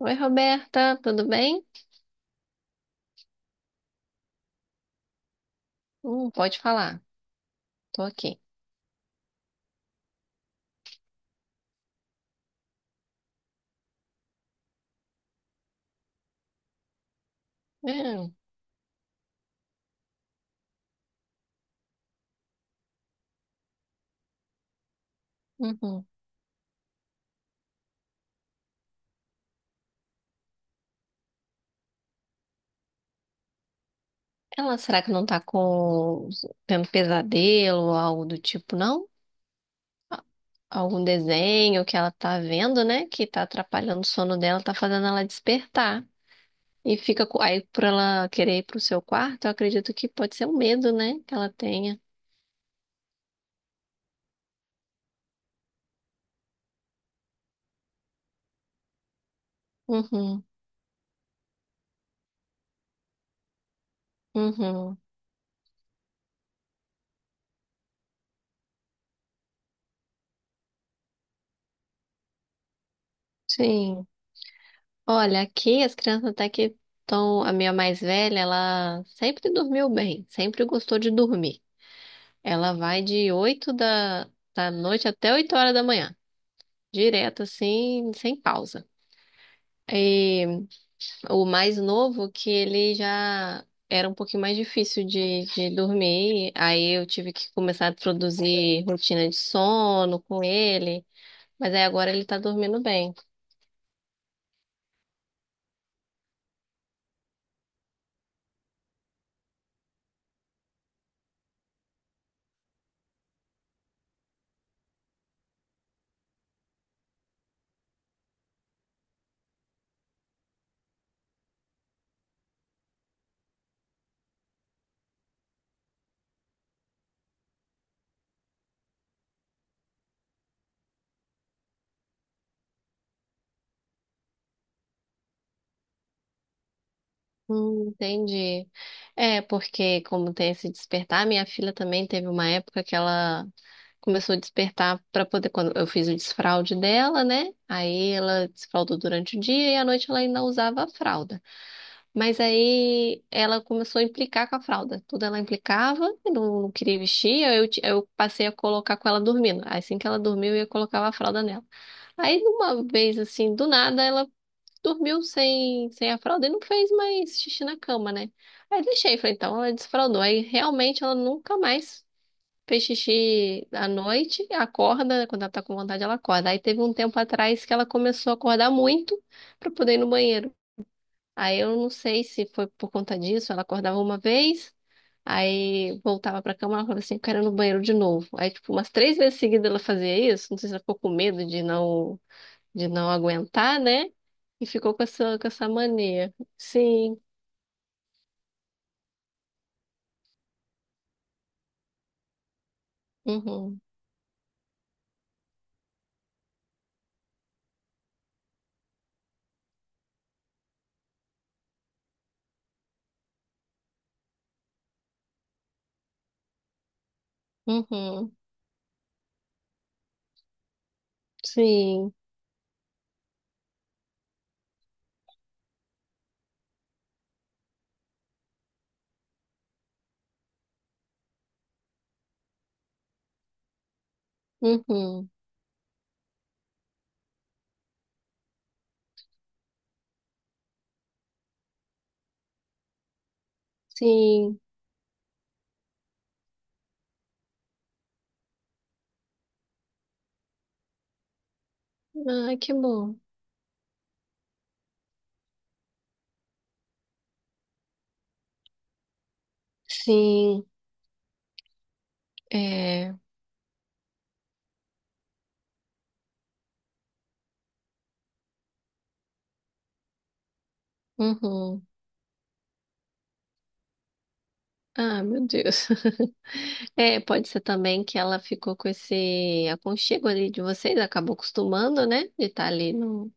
Oi, Roberta, tudo bem? Pode falar, tô aqui. Hum, uhum. Ela, será que não tá com tendo pesadelo ou algo do tipo, não? A- Algum desenho que ela tá vendo, né? Que tá atrapalhando o sono dela, tá fazendo ela despertar. Aí por ela querer ir pro seu quarto, eu acredito que pode ser um medo, né? Que ela tenha. Uhum, uhum. Sim. Olha, aqui as crianças até que estão. A minha mais velha, ela sempre dormiu bem, sempre gostou de dormir. Ela vai de 8 da noite até 8 horas da manhã, direto assim, sem pausa. E o mais novo, que ele já era um pouquinho mais difícil de dormir, aí eu tive que começar a introduzir rotina de sono com ele, mas aí agora ele tá dormindo bem. Entendi. É, porque como tem esse despertar, minha filha também teve uma época que ela começou a despertar para poder, quando eu fiz o desfralde dela, né? Aí ela desfraldou durante o dia e à noite ela ainda usava a fralda. Mas aí ela começou a implicar com a fralda. Tudo ela implicava, e não queria vestir, aí eu passei a colocar com ela dormindo. Assim que ela dormiu, eu colocava a fralda nela. Aí, de uma vez assim, do nada, ela dormiu sem a fralda e não fez mais xixi na cama, né? Aí deixei, falei, então ela desfraldou. Aí realmente ela nunca mais fez xixi à noite, acorda, quando ela tá com vontade, ela acorda. Aí teve um tempo atrás que ela começou a acordar muito pra poder ir no banheiro. Aí eu não sei se foi por conta disso, ela acordava uma vez. Aí voltava pra cama e falava assim, eu quero ir no banheiro de novo. Aí, tipo, umas três vezes seguidas ela fazia isso. Não sei se ela ficou com medo de não aguentar, né? E ficou com essa mania. Sim, uhum, uhum, sim, uhum, sim. Ai, que bom. Sim, é, uhum. Ah, meu Deus. É, pode ser também que ela ficou com esse aconchego ali de vocês, acabou acostumando, né? De estar ali no,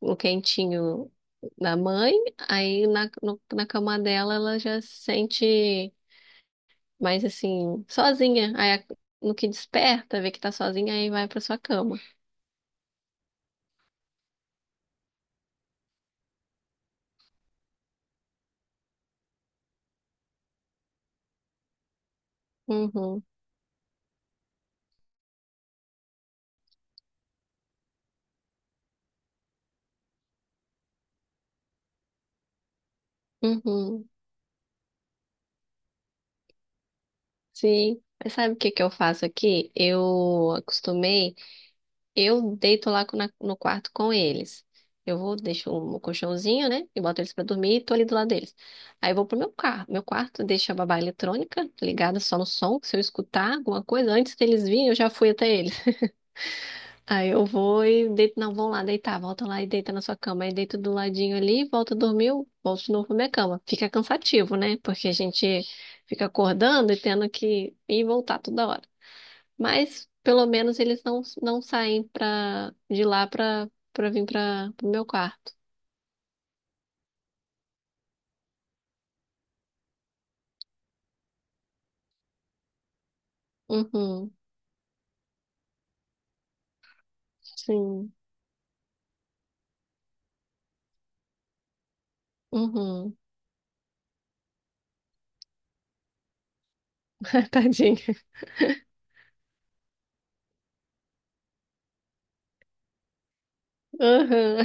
no quentinho da mãe, aí na, no- na cama dela ela já se sente. Mas assim, sozinha. Aí no que desperta, vê que tá sozinha, aí vai pra sua cama. Uhum, uhum. Sim. Mas sabe o que que eu faço aqui? Eu acostumei, eu deito lá no quarto com eles. Eu vou, deixo um colchãozinho, né? E boto eles pra dormir e tô ali do lado deles. Aí eu vou pro meu quarto, deixo a babá eletrônica ligada só no som, que se eu escutar alguma coisa, antes deles virem, eu já fui até eles. Aí eu vou e deito, não, vão lá deitar, volta lá e deita na sua cama. Aí deito do ladinho ali, volta, dormiu, volto de novo pra minha cama. Fica cansativo, né? Porque a gente fica acordando e tendo que ir e voltar toda hora. Mas pelo menos eles não saem de lá pra vir pro meu quarto. Uhum, sim, uhum. Tadinha. Uhum.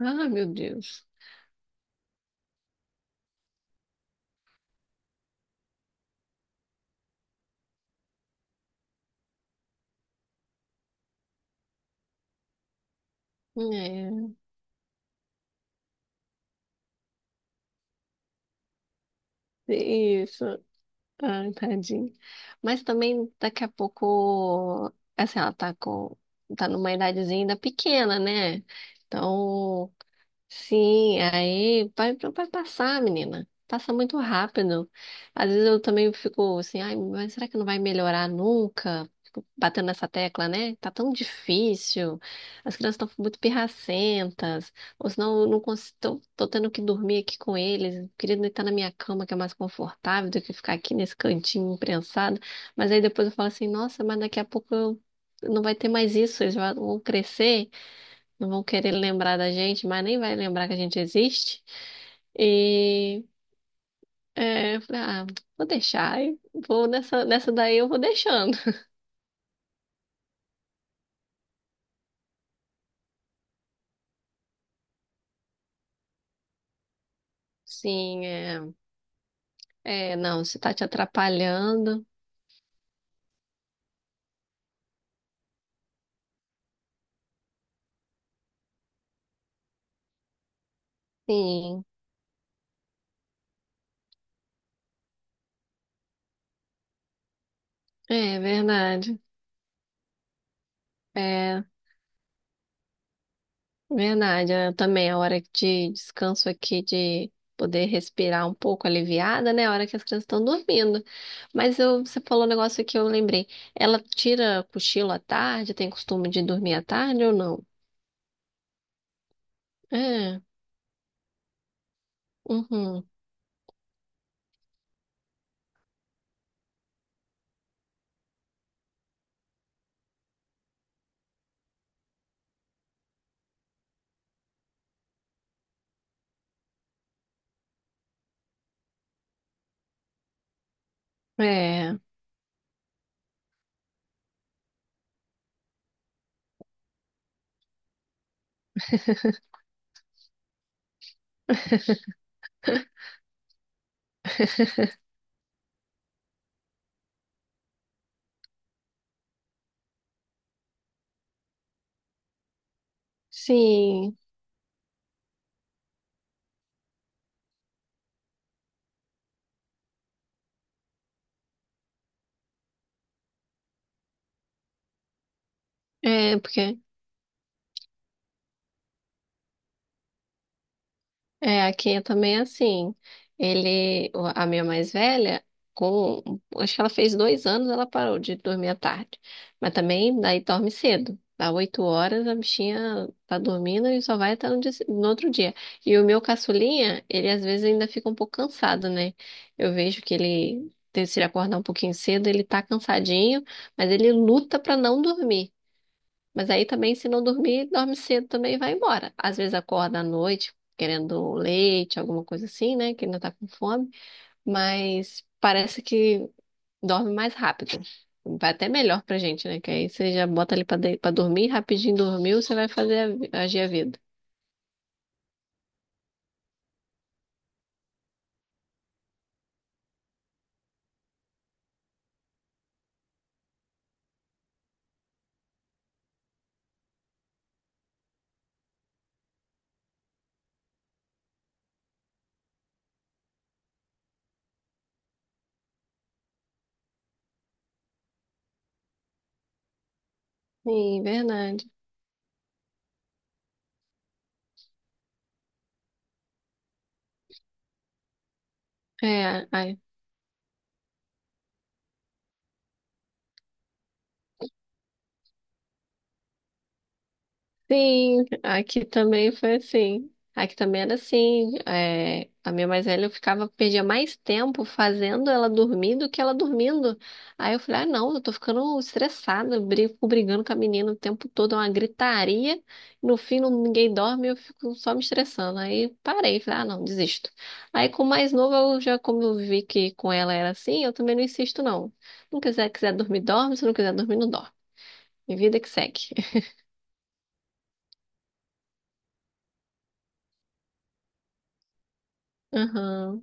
Ah, meu Deus. É, isso. Ai, tadinho. Mas também daqui a pouco, assim, tá numa idadezinha ainda pequena, né? Então, sim, aí vai passar, menina. Passa muito rápido. Às vezes eu também fico assim, ai, mas será que não vai melhorar nunca? Fico batendo nessa tecla, né? Tá tão difícil. As crianças estão muito pirracentas. Ou senão eu não consigo, tô tendo que dormir aqui com eles. Eu queria deitar na minha cama, que é mais confortável do que ficar aqui nesse cantinho imprensado. Mas aí depois eu falo assim, nossa, mas daqui a pouco não vai ter mais isso. Eles vão crescer. Não vão querer lembrar da gente, mas nem vai lembrar que a gente existe. E é, eu falei, ah, vou deixar, e vou nessa daí eu vou deixando. Sim, é, é, não, se tá te atrapalhando, sim, é verdade, é verdade. É, também a hora de descanso aqui, de poder respirar um pouco aliviada, né? A hora que as crianças estão dormindo. Mas eu, você falou um negócio que eu lembrei. Ela tira cochilo à tarde, tem costume de dormir à tarde ou não? É, uhum, é. Sim, é, é, aqui eu também assim. A minha mais velha, com, acho que ela fez 2 anos, ela parou de dormir à tarde. Mas também daí dorme cedo. Dá 8 horas, a bichinha tá dormindo e só vai até no outro dia. E o meu caçulinha, ele às vezes ainda fica um pouco cansado, né? Eu vejo que se ele acordar um pouquinho cedo, ele tá cansadinho, mas ele luta pra não dormir. Mas aí também, se não dormir, dorme cedo também e vai embora. Às vezes acorda à noite querendo leite, alguma coisa assim, né? Que ainda tá com fome. Mas parece que dorme mais rápido. Vai até melhor pra gente, né? Que aí você já bota ali pra dormir, rapidinho dormiu, você vai fazer agir a vida. Sim, verdade. É, a- Sim, aqui também foi assim. Aqui também era assim. É, a minha mais velha eu ficava, perdia mais tempo fazendo ela dormir do que ela dormindo. Aí eu falei, ah, não, eu tô ficando estressada, eu brigo, fico brigando com a menina o tempo todo, é uma gritaria. No fim, ninguém dorme, eu fico só me estressando. Aí parei, falei, ah, não, desisto. Aí com o mais novo, eu já, como eu vi que com ela era assim, eu também não insisto, não. Quiser dormir, dorme. Se não quiser dormir, não dorme. E vida que segue. Aham.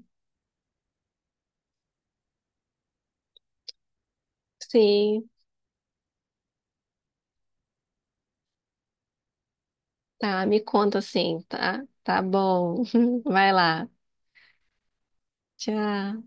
Sim, tá, me conta assim, tá? Tá bom. Vai lá. Tchau.